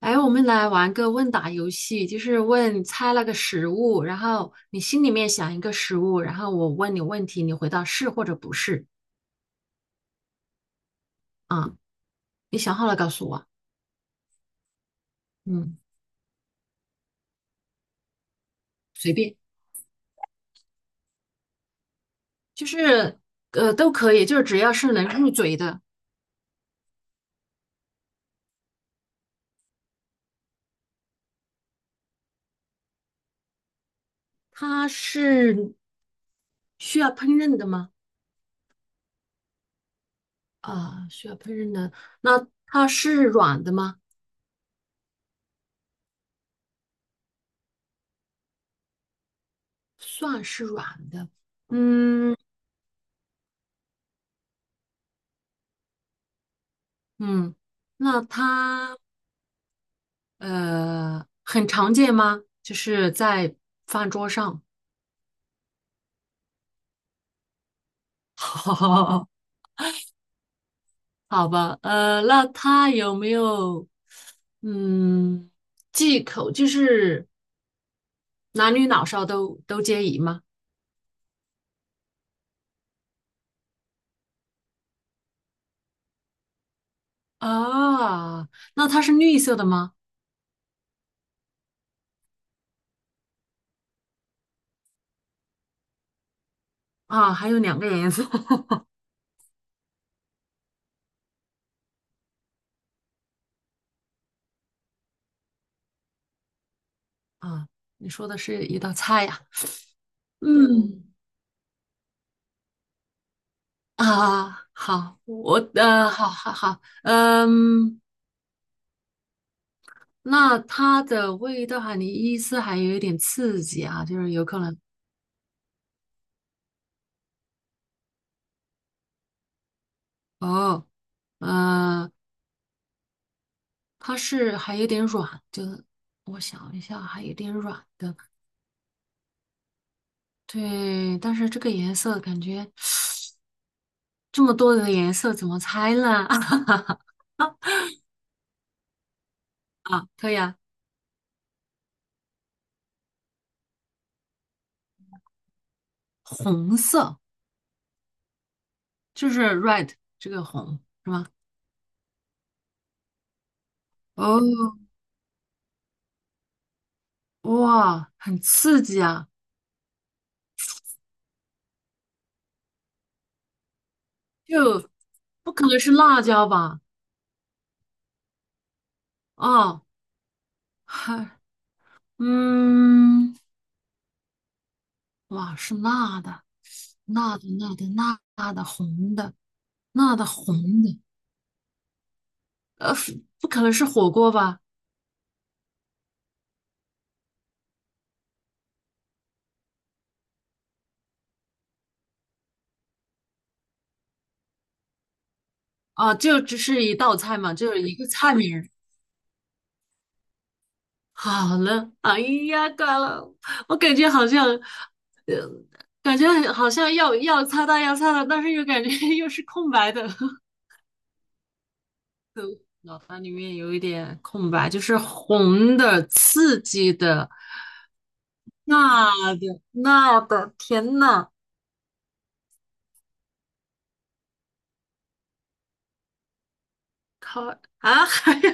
哎，我们来玩个问答游戏，就是问猜那个食物，然后你心里面想一个食物，然后我问你问题，你回答是或者不是。啊。你想好了告诉我。嗯，随便，就是都可以，就是只要是能入嘴的。它是需要烹饪的吗？啊，需要烹饪的。那它是软的吗？算是软的。嗯嗯。那它很常见吗？就是在饭桌上。好好吧，那他有没有嗯忌口？就是男女老少都皆宜吗？啊，那它是绿色的吗？啊，还有两个颜色。 啊。你说的是一道菜呀？嗯嗯，啊，好，好好好，嗯。那它的味道哈，你意思还有一点刺激啊，就是有可能。哦，呃，它是还有点软，就是我想一下，还有点软的。对，但是这个颜色感觉这么多的颜色怎么猜呢？可以啊。红色就是 red， 这个红。哦，哇，很刺激啊。就不可能是辣椒吧？啊，还嗯，哇，是辣的。辣的辣的，辣的红的，辣的红的。不可能是火锅吧？啊，就只是一道菜嘛，就是一个菜名儿。好了，哎呀，挂了，我感觉好像，感觉好像要擦到，但是又感觉 又是空白的，脑袋里面有一点空白，就是红的、刺激的、辣的、辣的，天呐。靠啊！还有。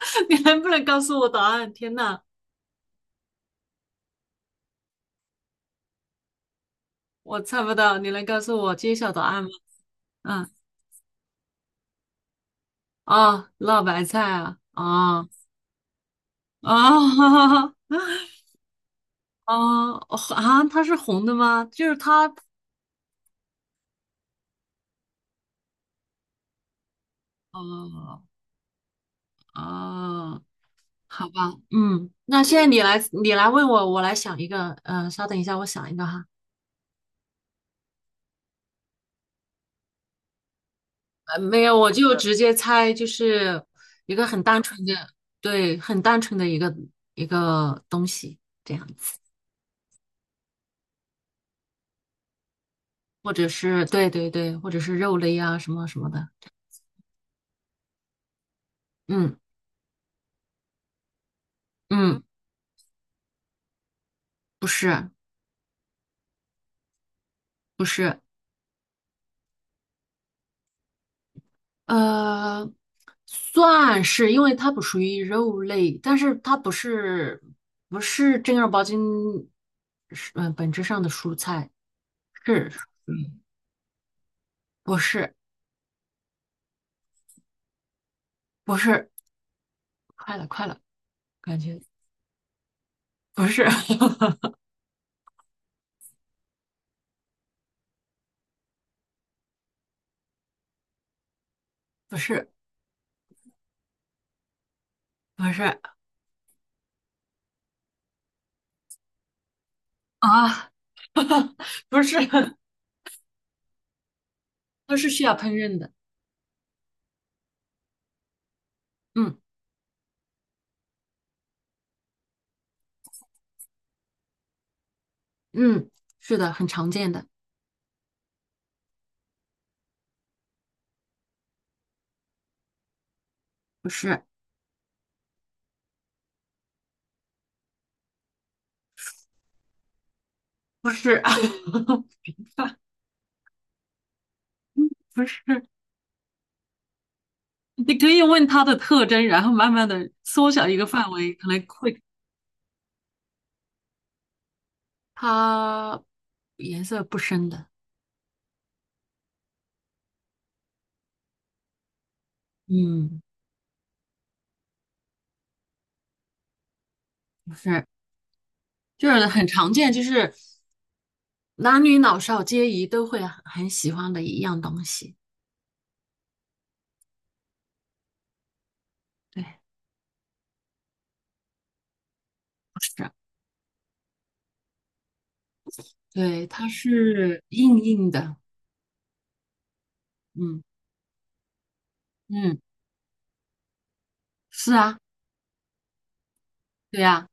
你能不能告诉我答案？天呐！我猜不到，你能告诉我揭晓答案吗？嗯。哦，辣白菜啊。哦，哦，哦。啊！它是红的吗？就是它。哦，哦，好吧。嗯，那现在你来，问我，我来想一个，稍等一下，我想一个哈。没有，我就直接猜，就是一个很单纯的，对，很单纯的一个东西。这样子，或者是，对对对，或者是肉类啊，什么什么的。嗯。嗯，不是。不是。呃，算是，因为它不属于肉类，但是它不是正儿八经是本质上的蔬菜。是。嗯，不是不是，快了快了。感觉不是。 不是不是啊，不是，它是需要烹饪的。嗯嗯，是的，很常见的。不是不是 不是。你可以问它的特征，然后慢慢的缩小一个范围，可能会。它颜色不深的。嗯，不是。就是很常见，就是男女老少皆宜都会很喜欢的一样东西。对，不是。对，它是硬硬的。嗯嗯，是啊。对呀，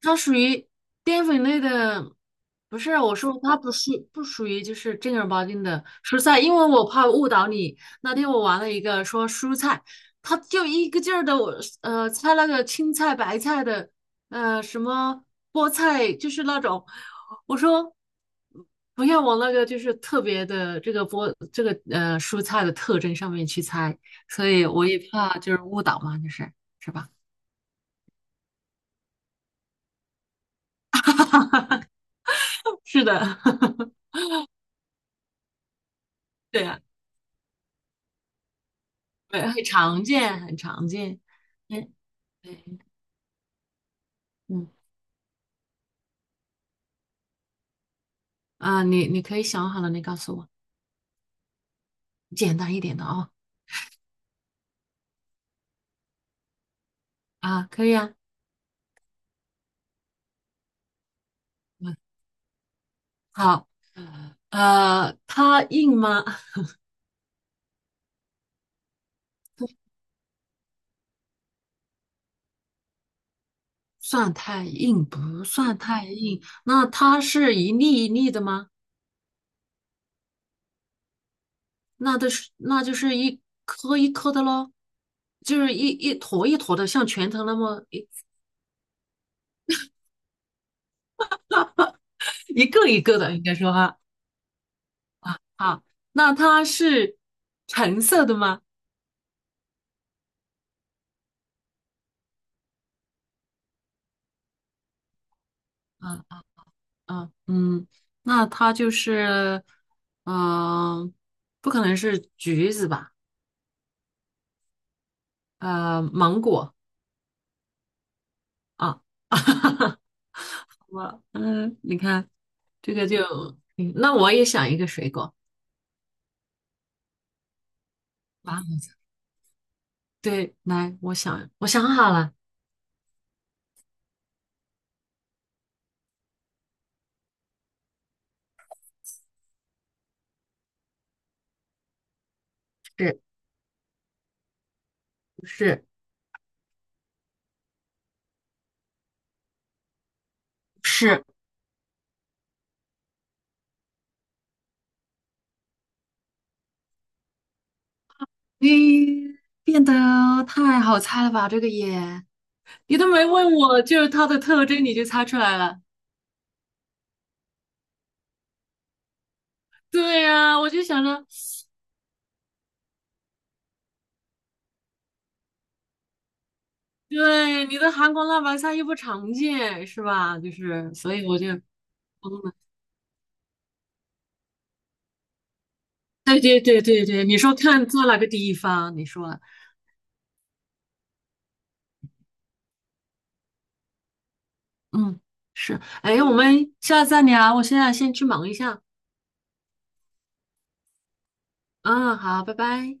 它属于淀粉类的。不是，我说它不属于就是正儿八经的蔬菜，因为我怕误导你。那天我玩了一个说蔬菜，它就一个劲儿的我猜那个青菜、白菜的，什么菠菜，就是那种。我说不要往那个就是特别的这个菠这个呃蔬菜的特征上面去猜。所以我也怕就是误导嘛。就是是吧？是的，对呀。对，很常见，很常见。嗯，对。嗯啊，你可以想好了，你告诉我，简单一点的哦。啊，可以啊。嗯，好。它硬吗？算太硬，不算太硬。那它是一粒一粒的吗？那都是，那就是一颗一颗的喽，就是一坨一坨的，像拳头那么一 一个一个的，应该说哈。好，那它是橙色的吗？啊。啊，嗯，那它就是。嗯、不可能是橘子吧？芒果啊。你看这个就。那我也想一个水果。啊，对，来，我想好了。是不是？是，咦，变得太好猜了吧？这个也，你都没问我，就是它的特征你就猜出来了。对呀，我就想着。对，你的韩国辣白菜又不常见，是吧？就是，所以我就懵了。对对对对对，你说看做哪个地方？你说。嗯，是。哎，我们下次再聊，我现在先去忙一下。嗯，好，拜拜。